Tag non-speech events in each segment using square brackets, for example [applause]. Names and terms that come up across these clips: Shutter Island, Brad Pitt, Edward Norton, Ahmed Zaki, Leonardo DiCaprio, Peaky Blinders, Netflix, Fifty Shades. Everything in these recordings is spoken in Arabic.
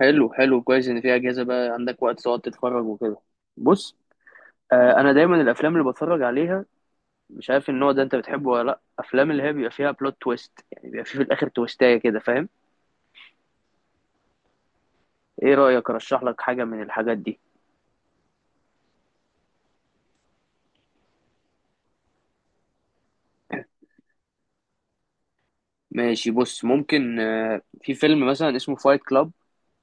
حلو حلو، كويس ان في اجازه بقى عندك وقت تقعد تتفرج وكده. بص، انا دايما الافلام اللي بتفرج عليها، مش عارف النوع ده انت بتحبه ولا لا، افلام اللي هي بيبقى فيها بلوت تويست، يعني بيبقى في الاخر تويستايه كده، فاهم؟ ايه رايك ارشح لك حاجه من الحاجات دي؟ ماشي، بص، ممكن في فيلم مثلا اسمه فايت كلاب،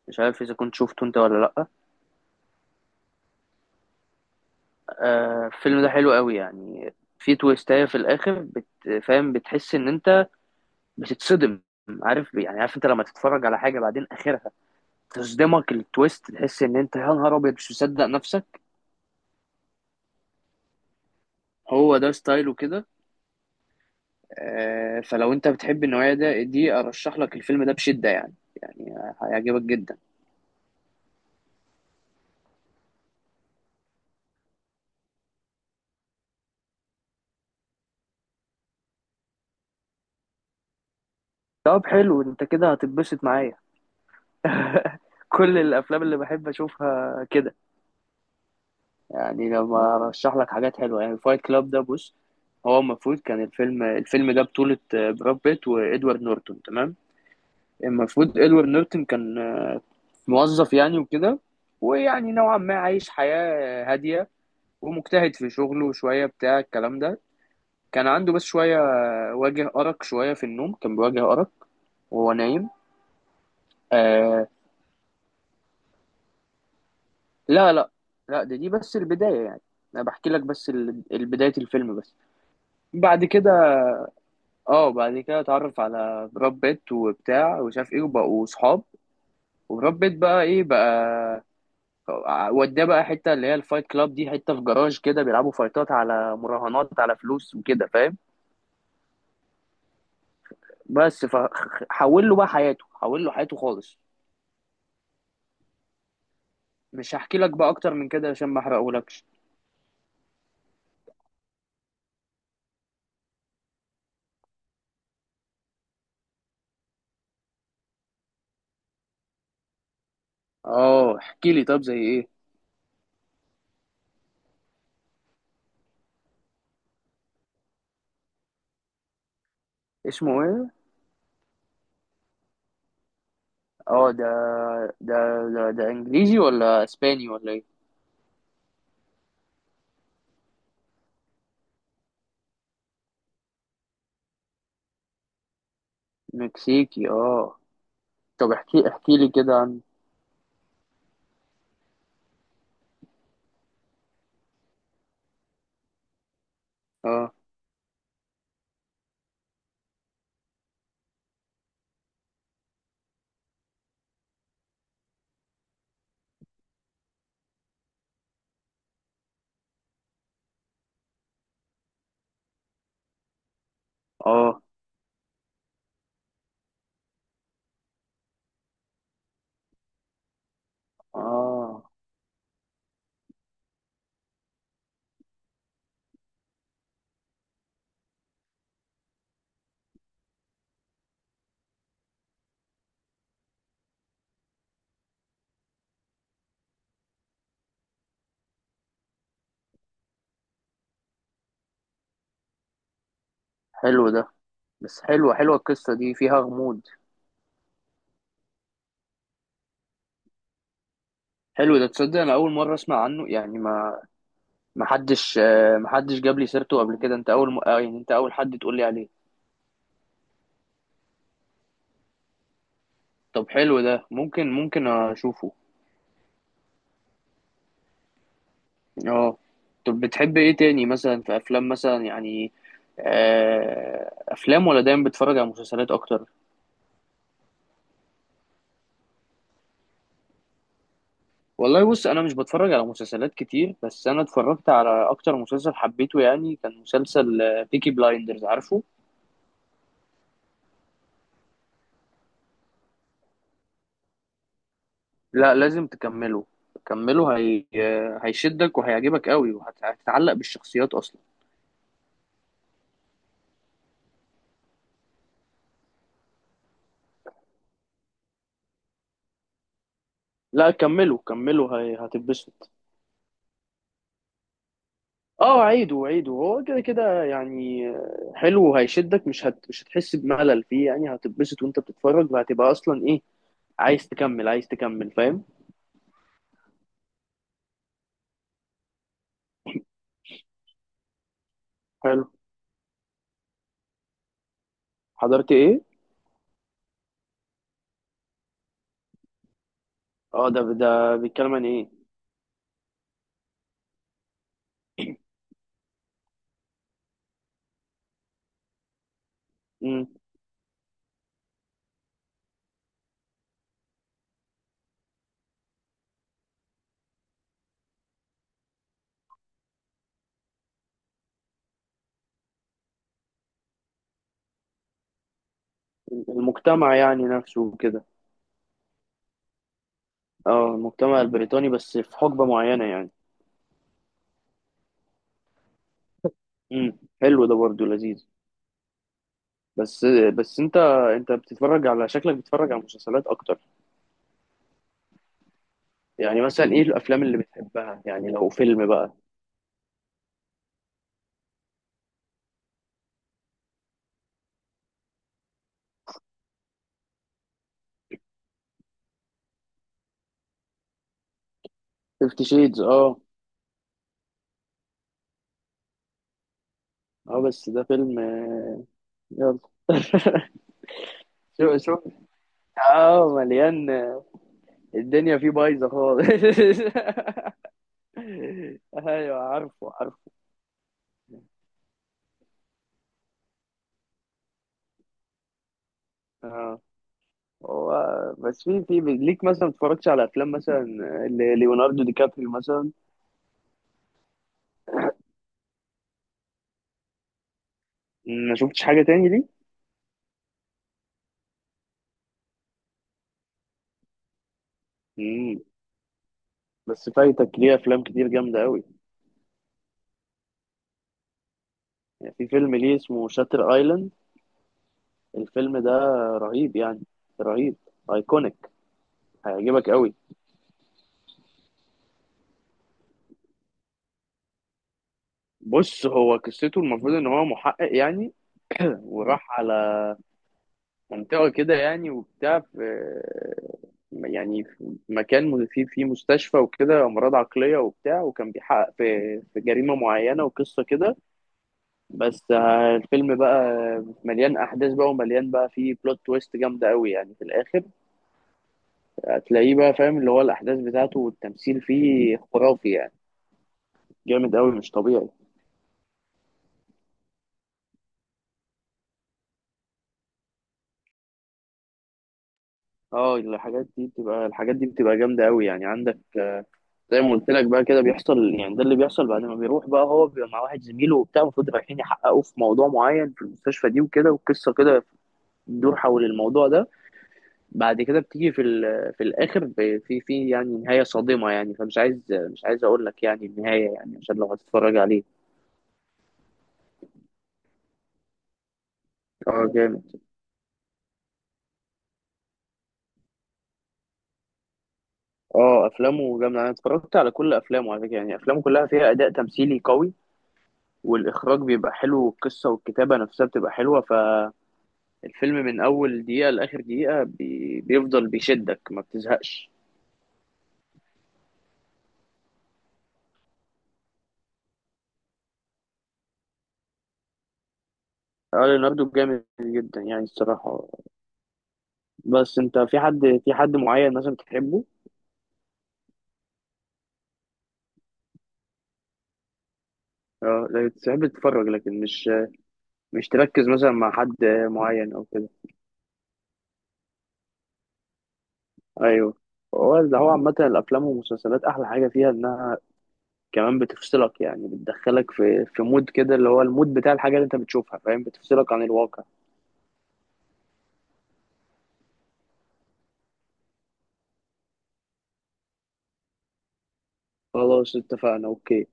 مش عارف اذا كنت شفته انت ولا لا. آه، الفيلم ده حلو قوي، يعني في تويستايه في الاخر، فاهم؟ بتحس ان انت بتتصدم، عارف؟ يعني عارف انت لما تتفرج على حاجه بعدين اخرها تصدمك التويست، تحس ان انت يا نهار ابيض مش مصدق نفسك. هو ده ستايله كده. فلو انت بتحب النوعيه دي ارشح لك الفيلم ده بشده، يعني يعني هيعجبك جدا. طب حلو، انت كده هتتبسط معايا. [laughs] كل الافلام اللي بحب اشوفها كده، يعني لما ارشح لك حاجات حلوه. يعني الفايت كلاب ده، بص، هو المفروض كان الفيلم ده بطولة براد بيت وإدوارد نورتون، تمام؟ المفروض إدوارد نورتون كان موظف يعني وكده، ويعني نوعا ما عايش حياة هادية، ومجتهد في شغله شوية، بتاع الكلام ده. كان عنده بس شوية واجه أرق، شوية في النوم كان بيواجه أرق وهو نايم. آه. لا لا لا، ده بس البداية يعني، أنا بحكي لك بس البداية الفيلم بس. بعد كده، اتعرف على براد بيت وبتاع وشاف ايه وبقوا صحاب. وبراد بيت بقى ايه بقى، وداه بقى حته اللي هي الفايت كلاب دي، حته في جراج كده بيلعبوا فايتات على مراهنات على فلوس وكده، فاهم؟ بس فحول له بقى حياته، حول له حياته خالص. مش هحكي لك بقى اكتر من كده عشان ما احرقهولكش. اه احكي لي، طب زي ايه؟ اسمه ايه؟ اه ده ده انجليزي ولا اسباني ولا ايه؟ مكسيكي، اه. طب احكي، احكي لي كده عن. اه اه اه، حلو ده، بس حلوه حلوه القصه دي فيها غموض. حلو ده، تصدق انا اول مره اسمع عنه، يعني ما محدش جاب لي سيرته قبل كده. انت اول م... آه، يعني انت اول حد تقول لي عليه. طب حلو ده، ممكن اشوفه. اه. طب بتحب ايه تاني مثلا؟ في افلام مثلا يعني، افلام ولا دايما بتتفرج على مسلسلات اكتر؟ والله بص، انا مش بتفرج على مسلسلات كتير، بس انا اتفرجت على اكتر مسلسل حبيته، يعني كان مسلسل بيكي بلايندرز، عارفه؟ لا لازم تكمله، كمله، هي... آه، هيشدك وهيعجبك قوي وهتتعلق بالشخصيات اصلا. لا كملوا كملوا، هتتبسط. اه عيدوا عيدوا، هو كده كده يعني. حلو وهيشدك، مش هتحس بملل فيه، يعني هتتبسط وانت بتتفرج، وهتبقى اصلا ايه، عايز تكمل عايز تكمل، فاهم؟ حلو. حضرت ايه؟ اه ده، بيتكلم عن ايه؟ مم. المجتمع يعني نفسه وكده. اه، المجتمع البريطاني بس في حقبة معينة يعني. مم. حلو ده برضو لذيذ. بس انت، بتتفرج على شكلك بتتفرج على مسلسلات اكتر. يعني مثلا ايه الافلام اللي بتحبها يعني لو فيلم بقى؟ فيفتي شيدز، اه. اه بس ده فيلم، يلا. [laughs] شوف شوف، اه مليان الدنيا فيه بايظه خالص. [laughs] ايوه، عارفه عارفه. اه هو بس في ليك مثلا، ما اتفرجتش على افلام مثلا، ليوناردو دي كابريو مثلا، ما شفتش حاجه تاني ليه. مم. بس فايتك ليه افلام كتير جامده قوي، يعني في فيلم ليه اسمه شاتر ايلاند. الفيلم ده رهيب يعني، رهيب، ايكونيك، هيعجبك قوي. بص، هو قصته المفروض ان هو محقق يعني، وراح على منطقة كده يعني وبتاع، في يعني في مكان فيه في مستشفى وكده، امراض عقلية وبتاع، وكان بيحقق في جريمة معينة، وقصة كده. بس، الفيلم بقى مليان احداث بقى، ومليان بقى فيه بلوت تويست جامدة قوي، يعني في الاخر هتلاقيه بقى، فاهم؟ اللي هو الاحداث بتاعته والتمثيل فيه خرافي يعني، جامد قوي مش طبيعي. اه الحاجات دي بتبقى جامده قوي يعني. عندك زي ما قلت لك بقى، كده بيحصل يعني، ده اللي بيحصل بعد ما بيروح بقى، هو بيبقى مع واحد زميله وبتاع، المفروض رايحين يحققوا في موضوع معين في المستشفى دي وكده، والقصه كده بتدور حول الموضوع ده. بعد كده بتيجي في الاخر، ب- في في يعني نهايه صادمه يعني. فمش عايز، مش عايز اقول لك يعني النهايه، يعني عشان لو هتتفرج عليه. اه جامد. اه افلامه جامده، انا اتفرجت على كل افلامه على فكره، يعني افلامه كلها فيها اداء تمثيلي قوي، والاخراج بيبقى حلو، والقصه والكتابه نفسها بتبقى حلوه. الفيلم من اول دقيقه لاخر دقيقه بيفضل بيشدك، ما بتزهقش. اه ليوناردو جامد جدا يعني الصراحه. بس انت في حد، معين مثلا بتحبه؟ اه لا، تحب تتفرج لكن مش، تركز مثلا مع حد معين او كده. ايوه. هو اللي هو عامه الافلام والمسلسلات، احلى حاجه فيها انها كمان بتفصلك، يعني بتدخلك في مود كده، اللي هو المود بتاع الحاجه اللي انت بتشوفها، فاهم؟ بتفصلك عن الواقع. خلاص اتفقنا، اوكي.